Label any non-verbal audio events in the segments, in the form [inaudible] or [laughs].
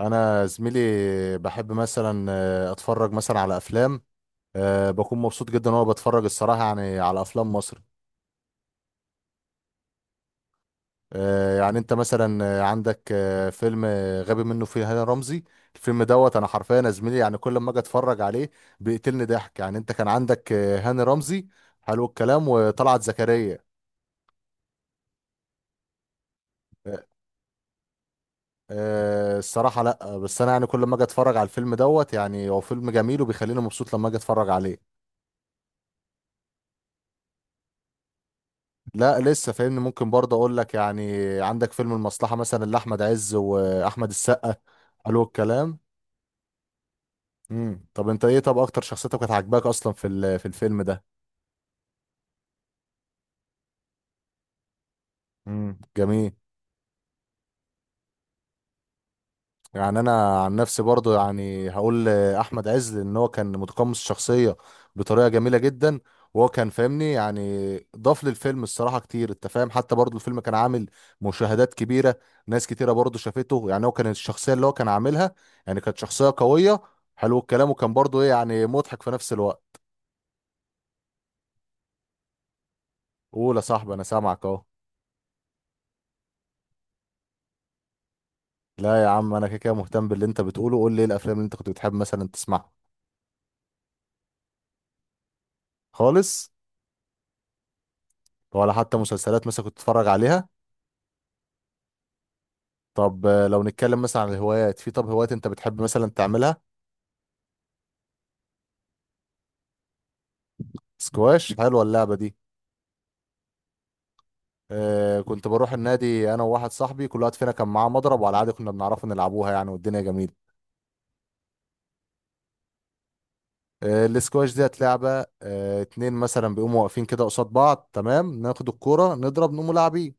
انا زميلي بحب مثلا اتفرج مثلا على افلام. بكون مبسوط جدا وانا بتفرج الصراحه يعني على افلام مصر. يعني انت مثلا عندك فيلم غبي منه فيه هاني رمزي. الفيلم دوت انا حرفيا يا زميلي، يعني كل ما اجي اتفرج عليه بيقتلني ضحك. يعني انت كان عندك هاني رمزي حلو الكلام وطلعت زكريا. آه، الصراحه لا، بس انا يعني كل ما اجي اتفرج على الفيلم دوت يعني هو فيلم جميل وبيخليني مبسوط لما اجي اتفرج عليه. لا لسه فاهمني، ممكن برضه اقول لك يعني عندك فيلم المصلحة مثلا لأحمد عز وأحمد السقا. حلو الكلام. طب انت ايه، طب اكتر شخصيتك كانت عاجباك اصلا في الفيلم ده؟ جميل. يعني انا عن نفسي برضو يعني هقول احمد عز، ان هو كان متقمص الشخصيه بطريقه جميله جدا. وهو كان فاهمني يعني، ضاف للفيلم الصراحه كتير انت فاهم. حتى برضو الفيلم كان عامل مشاهدات كبيره. ناس كتيره برضو شافته، يعني هو كان الشخصيه اللي هو كان عاملها يعني كانت شخصيه قويه. حلو الكلام. وكان برضو ايه يعني مضحك في نفس الوقت. قول يا صاحبي، انا سامعك اهو. لا يا عم، انا كده كده مهتم باللي انت بتقوله. قول لي ايه الافلام اللي انت كنت بتحب مثلا تسمعها. خالص. ولا حتى مسلسلات مثلا كنت تتفرج عليها؟ طب لو نتكلم مثلا عن الهوايات، في طب هوايات انت بتحب مثلا تعملها؟ سكواش، حلوه اللعبه دي. آه، كنت بروح النادي انا وواحد صاحبي، كل واحد فينا كان معاه مضرب وعلى العادي كنا بنعرف نلعبوها يعني، والدنيا جميله. آه، السكواش ديت لعبه اتنين مثلا بيقوموا واقفين كده قصاد بعض، تمام، ناخد الكوره نضرب نقوم لاعبين.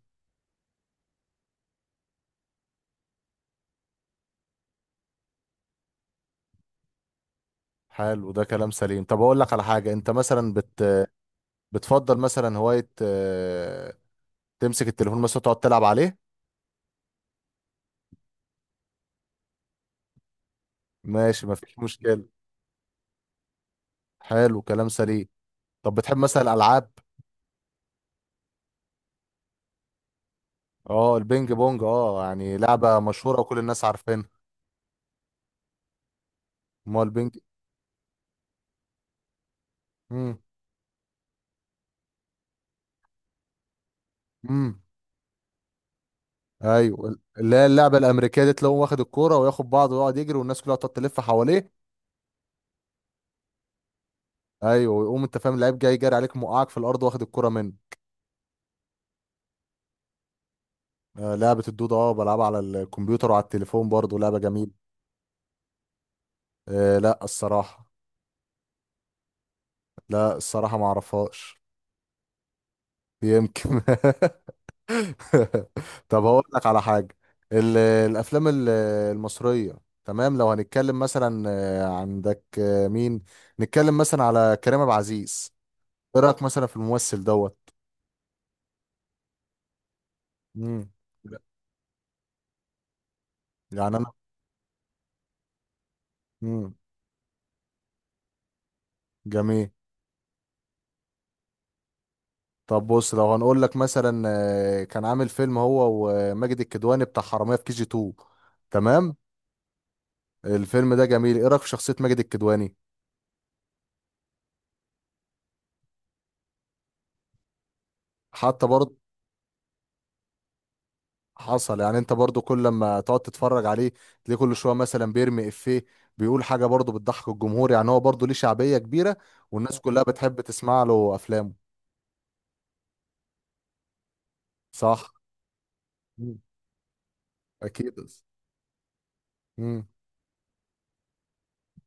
حلو ده كلام سليم. طب اقول لك على حاجه، انت مثلا بتفضل مثلا هوايه تمسك التليفون مثلا تقعد تلعب عليه؟ ماشي، مفيش مشكله. حلو كلام سليم. طب بتحب مثلا الالعاب؟ اه البينج بونج، يعني لعبة مشهورة وكل الناس عارفينها. ما هو البينج. امم. امم. ايوه، اللي هي اللعبة الأمريكية دي تلاقوه واخد الكورة وياخد بعضه ويقعد يجري والناس كلها تقعد تلف حواليه. ايوه، ويقوم انت فاهم اللعيب جاي جاري عليك موقعك في الأرض واخد الكورة منه. آه، لعبة الدودة، اه بلعبها على الكمبيوتر وعلى التليفون برضه، لعبة جميلة. آه لا الصراحة. لا الصراحة ما اعرفهاش. يمكن. [laughs] [laughs] طب هقول لك على حاجة، ال- الأفلام المصرية. تمام، لو هنتكلم مثلا عندك مين نتكلم مثلا على كريم عبد العزيز. إيه رأيك مثلا في الممثل دوت؟ مم. يعني أنا. مم. جميل. طب بص، لو هنقول لك مثلا كان عامل فيلم هو وماجد الكدواني بتاع حرامية في كي جي 2. تمام. الفيلم ده جميل، إيه رأيك في شخصية ماجد الكدواني؟ حتى برضه حصل. يعني انت برضو كل لما تقعد تتفرج عليه تلاقيه كل شويه مثلا بيرمي افيه، بيقول حاجه برضو بتضحك الجمهور، يعني هو برضو ليه شعبيه كبيره. والناس كلها بتحب تسمع له افلامه. صح. مم. اكيد. امم.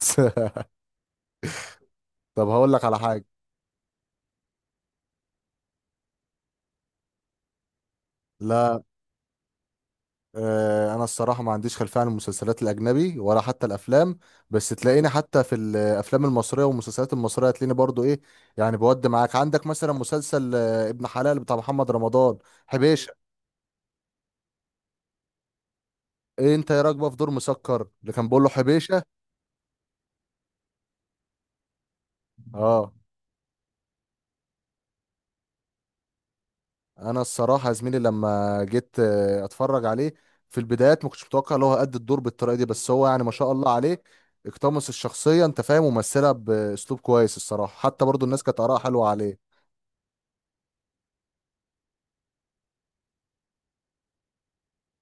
[laughs] طب هقول لك على حاجه. لا، انا الصراحه ما عنديش خلفيه عن المسلسلات الاجنبي ولا حتى الافلام. بس تلاقيني حتى في الافلام المصريه والمسلسلات المصريه تلاقيني برضو ايه، يعني بود معاك. عندك مثلا مسلسل ابن حلال بتاع محمد رمضان. حبيش. إيه انت يا راكبه في دور مسكر اللي كان بيقول له حبيشه. اه. انا الصراحه يا زميلي لما جيت اتفرج عليه في البدايات، ما كنتش متوقع ان هو قد الدور بالطريقه دي. بس هو يعني ما شاء الله عليه، اقتمص الشخصيه انت فاهم ومثلها باسلوب كويس الصراحه. حتى برضو الناس كانت اراءها حلوه عليه.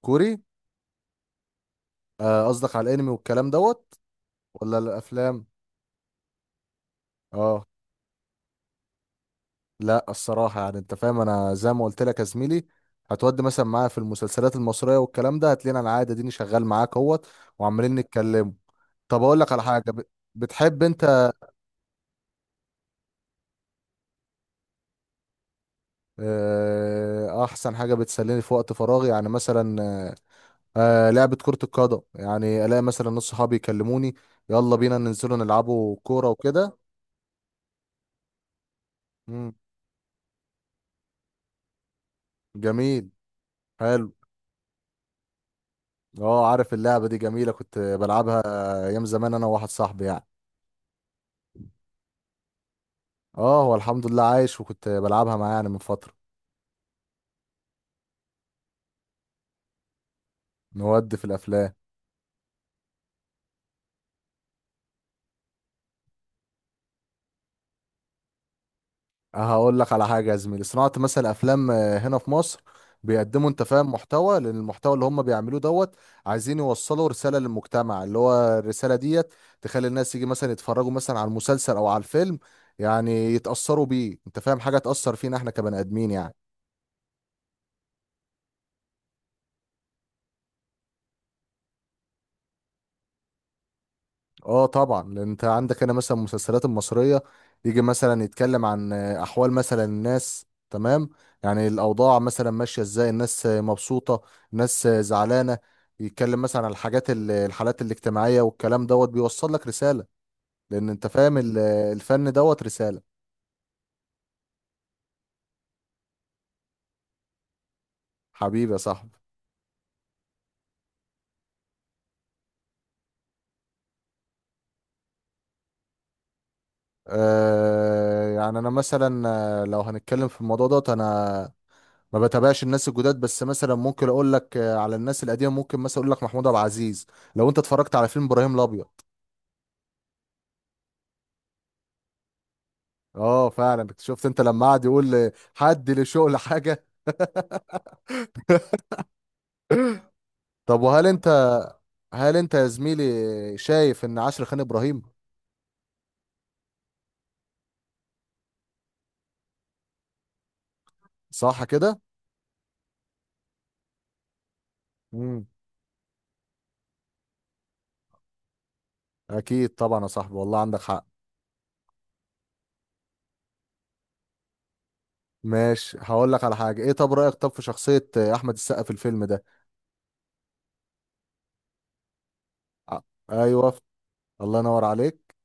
كوري؟ قصدك على الانمي والكلام دوت؟ ولا الافلام؟ اه. لا، الصراحة يعني انت فاهم، انا زي ما قلت لك يا زميلي هتودي مثلا معايا في المسلسلات المصرية والكلام ده هتلاقينا انا قاعد اديني شغال معاك اهوت. وعمالين نتكلم. طب اقول لك على حاجة، بتحب انت احسن حاجة بتسليني في وقت فراغي يعني مثلا لعبة كرة القدم. يعني الاقي مثلا نص صحابي يكلموني، يلا بينا ننزلوا نلعبوا كورة وكده. مم. جميل. حلو. اه، عارف اللعبة دي جميلة كنت بلعبها ايام زمان انا وواحد صاحبي يعني. اه، هو الحمد لله عايش، وكنت بلعبها معاه يعني من فترة. نود في الافلام. هقول لك على حاجة يا زميلي، صناعة مثلا افلام هنا في مصر بيقدموا انت فاهم محتوى، لان المحتوى اللي هم بيعملوه دوت عايزين يوصلوا رسالة للمجتمع، اللي هو الرسالة ديت تخلي الناس يجي مثلا يتفرجوا مثلا على المسلسل او على الفيلم، يعني يتأثروا بيه انت فاهم، حاجة تأثر فينا احنا كبني ادمين يعني. اه طبعا، لان انت عندك هنا مثلا المسلسلات المصريه يجي مثلا يتكلم عن احوال مثلا الناس. تمام، يعني الاوضاع مثلا ماشيه ازاي، الناس مبسوطه، الناس زعلانه. يتكلم مثلا عن الحاجات الحالات الاجتماعيه والكلام دوت بيوصل لك رساله. لان انت فاهم الفن دوت رساله. حبيبي يا صاحبي. يعني انا مثلا لو هنتكلم في الموضوع دوت، انا ما بتابعش الناس الجداد. بس مثلا ممكن اقول لك على الناس القديمه، ممكن مثلا اقول لك محمود عبد العزيز. لو انت اتفرجت على فيلم ابراهيم الابيض. اه فعلا، شفت انت لما قعد يقول حد لشغل حاجه. طب وهل انت هل انت يا زميلي شايف ان عشر خان ابراهيم؟ صح كده. امم. اكيد طبعا يا صاحبي، والله عندك حق. ماشي، هقول لك على حاجه، ايه طب رايك في شخصيه احمد السقا في الفيلم ده؟ ع- ايوه. الله ينور عليك.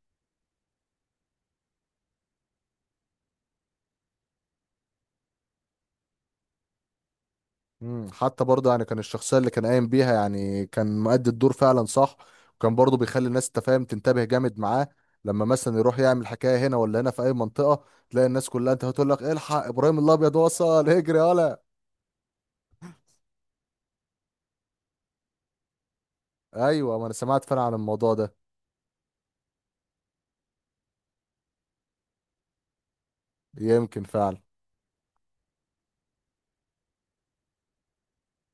مم. حتى برضه يعني كان الشخصية اللي كان قايم بيها، يعني كان مؤدي الدور فعلا صح. وكان برضه بيخلي الناس تفهم، تنتبه جامد معاه، لما مثلا يروح يعمل حكاية هنا ولا هنا في أي منطقة، تلاقي الناس كلها أنت هتقول لك إيه، الحق إبراهيم الأبيض وصل [laughs] اجري يالا. أيوه ما أنا سمعت فعلا عن الموضوع ده. يمكن فعلا.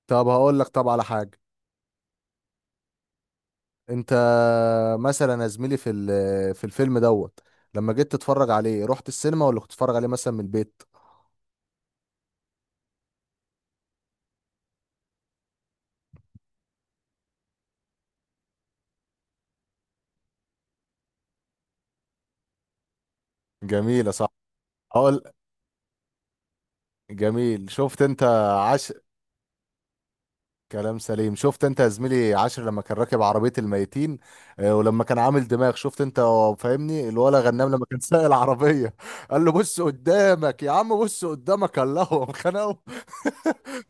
طب هقول لك على حاجة، أنت مثلا يا زميلي في الفيلم دوت لما جيت تتفرج عليه رحت السينما ولا كنت تتفرج عليه مثلا من البيت؟ جميلة صح. هقول. جميل، شفت انت. عاش. كلام سليم. شفت انت يا زميلي عاشر لما كان راكب عربية الميتين، اه، ولما كان عامل دماغ شفت انت، هو فاهمني الولا غنام لما كان سايق العربية، قال له بص قدامك يا عم، بص قدامك، قال له هو خنقه.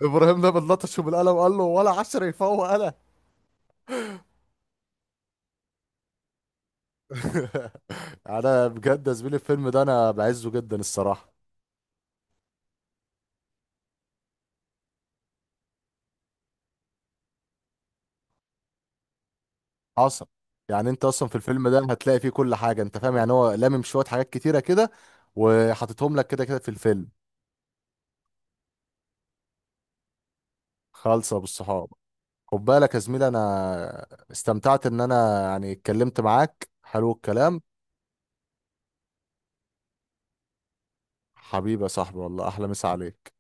ابراهيم ده بنلطشه بالقلم، قال له ولا عشر يفوق انا. [laughs] انا بجد يا زميلي الفيلم ده انا بعزه جدا الصراحة. حصل. يعني انت اصلا في الفيلم ده هتلاقي فيه كل حاجة، انت فاهم يعني هو لامم شوية حاجات كتيرة كده، وحاططهم لك كده كده في الفيلم. خالصة بالصحاب. خد بالك يا زميلي، انا استمتعت ان انا يعني اتكلمت معاك. حلو الكلام. حبيبي يا صاحبي، والله احلى مسا عليك.